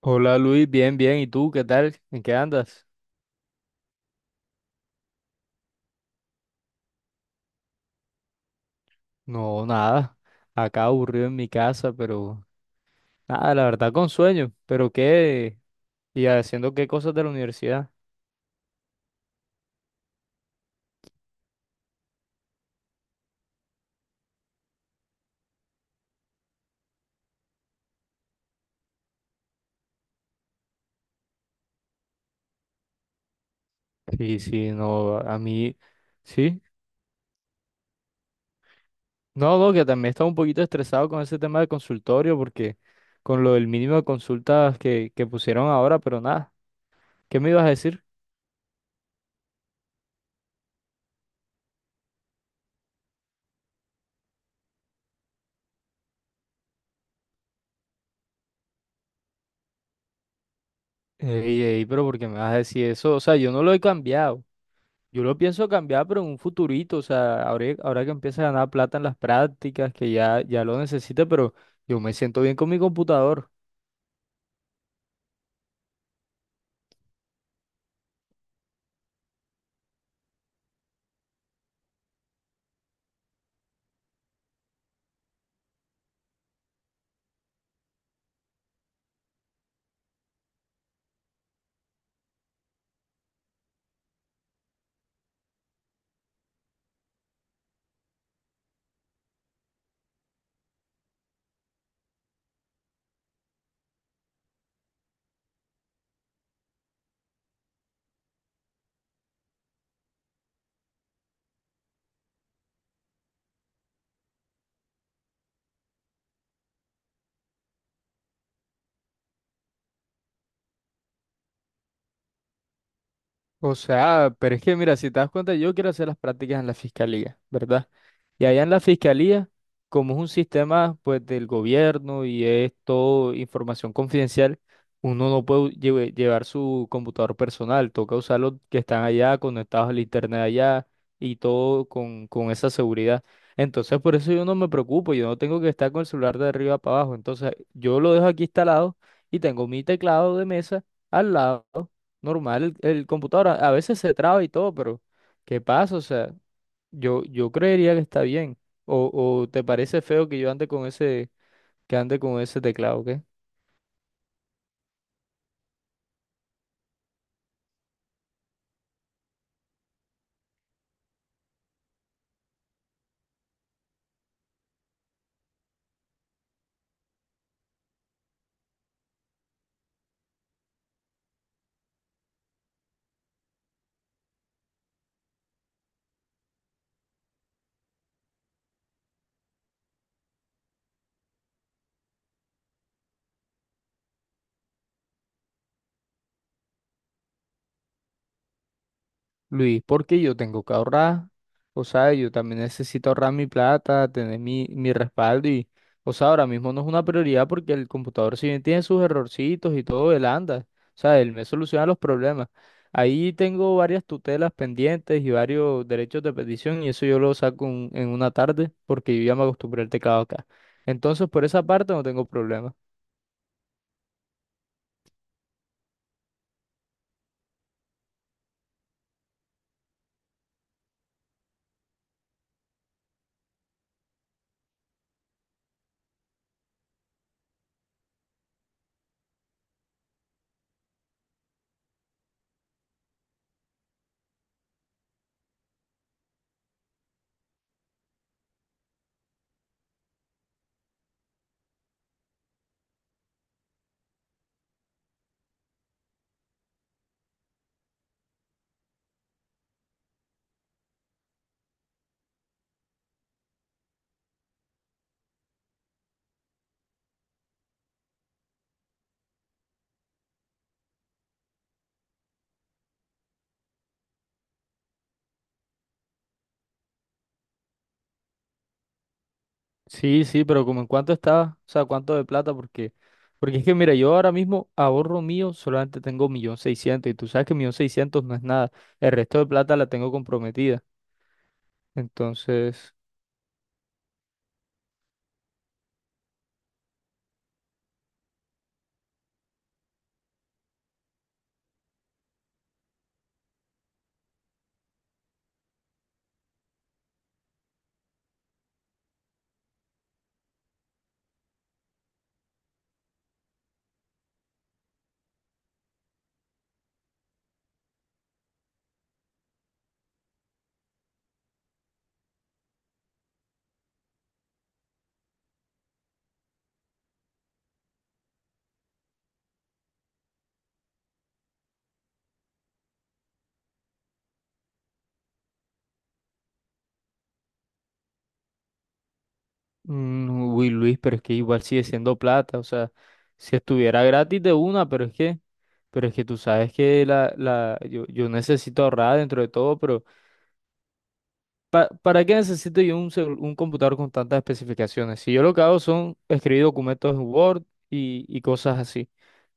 Hola Luis, bien, bien. ¿Y tú qué tal? ¿En qué andas? No, nada. Acá aburrido en mi casa, pero nada, la verdad con sueño. ¿Pero qué? ¿Y haciendo qué cosas de la universidad? Sí, sí, no, a mí, sí. No, no, que también estaba un poquito estresado con ese tema del consultorio, porque con lo del mínimo de consultas que pusieron ahora, pero nada. ¿Qué me ibas a decir? Ey, ey, pero ¿por qué me vas a decir eso? O sea, yo no lo he cambiado. Yo lo pienso cambiar, pero en un futurito, o sea, ahora que empiece a ganar plata en las prácticas, que ya, ya lo necesite, pero yo me siento bien con mi computador. O sea, pero es que mira, si te das cuenta, yo quiero hacer las prácticas en la fiscalía, ¿verdad? Y allá en la fiscalía, como es un sistema pues del gobierno y es todo información confidencial, uno no puede llevar su computador personal, toca usar los que están allá, conectados al internet allá y todo con esa seguridad. Entonces por eso yo no me preocupo, yo no tengo que estar con el celular de arriba para abajo. Entonces yo lo dejo aquí instalado y tengo mi teclado de mesa al lado, normal, el computador a veces se traba y todo, pero ¿qué pasa? O sea. Yo creería que está bien. O, o te parece feo que yo ande con ese, que ande con ese teclado, ¿qué? Luis, porque yo tengo que ahorrar. O sea, yo también necesito ahorrar mi plata, tener mi respaldo y, o sea, ahora mismo no es una prioridad porque el computador si bien tiene sus errorcitos y todo, él anda. O sea, él me soluciona los problemas. Ahí tengo varias tutelas pendientes y varios derechos de petición y eso yo lo saco en una tarde porque yo ya me acostumbré al teclado acá. Entonces, por esa parte no tengo problema. Sí, sí, pero como en cuánto estaba, o sea, cuánto de plata, porque, porque es que mira, yo ahora mismo ahorro mío, solamente tengo 1.600.000, y tú sabes que 1.600.000 no es nada, el resto de plata la tengo comprometida, entonces, uy, Luis, pero es que igual sigue siendo plata, o sea, si estuviera gratis de una, pero es que tú sabes que la, yo necesito ahorrar dentro de todo. ¿Para qué necesito yo un computador con tantas especificaciones? Si yo lo que hago son escribir documentos en Word y cosas así.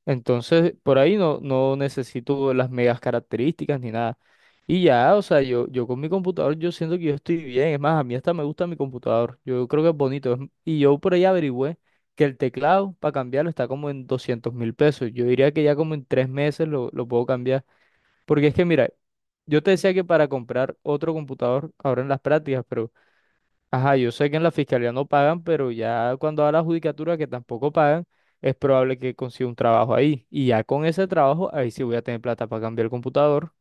Entonces, por ahí no necesito las megas características ni nada. Y ya, o sea, yo con mi computador yo siento que yo estoy bien. Es más, a mí hasta me gusta mi computador. Yo creo que es bonito. Es- Y yo por ahí averigüé que el teclado para cambiarlo está como en 200.000 pesos. Yo diría que ya como en 3 meses lo puedo cambiar. Porque es que mira, yo te decía que para comprar otro computador ahora en las prácticas, pero ajá, yo sé que en la fiscalía no pagan, pero ya cuando va la judicatura que tampoco pagan, es probable que consiga un trabajo ahí. Y ya con ese trabajo, ahí sí voy a tener plata para cambiar el computador.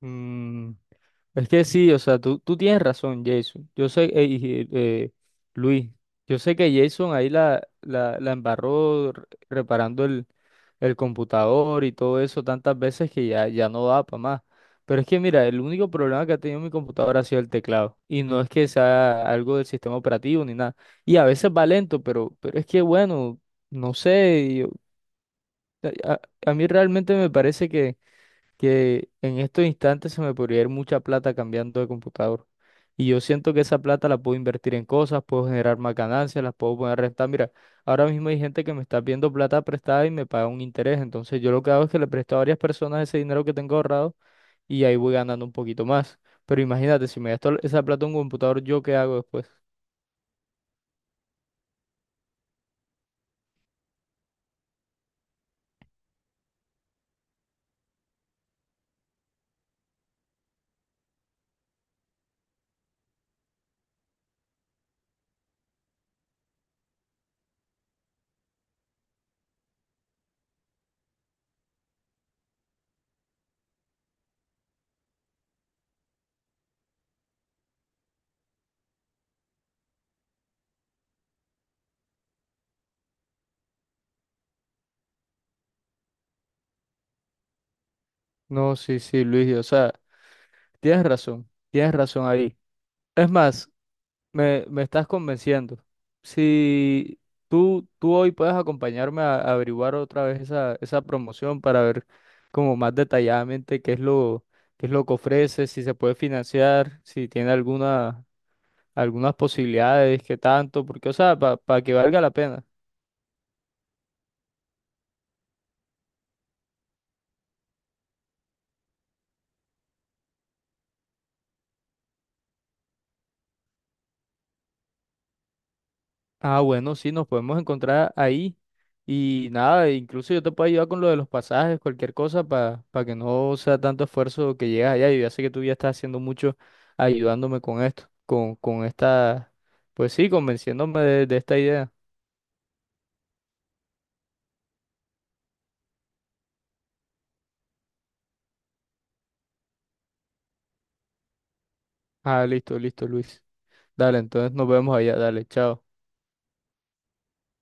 Mm. Es que sí, o sea, tú tienes razón, Jason. Yo sé, y, Luis, yo sé que Jason ahí la embarró reparando el computador y todo eso tantas veces que ya, ya no da para más. Pero es que mira, el único problema que ha tenido mi computadora ha sido el teclado. Y no es que sea algo del sistema operativo ni nada. Y a veces va lento, pero es que bueno, no sé, a, a a mí realmente me parece que en estos instantes se me podría ir mucha plata cambiando de computador. Y yo siento que esa plata la puedo invertir en cosas, puedo generar más ganancias, las puedo poner a rentar. Mira, ahora mismo hay gente que me está viendo plata prestada y me paga un interés. Entonces yo lo que hago es que le presto a varias personas ese dinero que tengo ahorrado y ahí voy ganando un poquito más. Pero imagínate, si me gasto esa plata en un computador, ¿yo qué hago después? No, sí, sí, Luis, o sea, tienes razón ahí. Es más, me estás convenciendo. Si tú hoy puedes acompañarme a averiguar otra vez esa promoción para ver como más detalladamente qué es lo que ofrece, si se puede financiar, si tiene alguna, algunas posibilidades, qué tanto, porque, o sea, para que valga la pena. Ah, bueno, sí, nos podemos encontrar ahí. Y nada, incluso yo te puedo ayudar con lo de los pasajes, cualquier cosa, para que no sea tanto esfuerzo que llegas allá. Yo ya sé que tú ya estás haciendo mucho ayudándome con esto, con esta, pues sí, convenciéndome de esta idea. Ah, listo, listo, Luis. Dale, entonces nos vemos allá, dale, chao.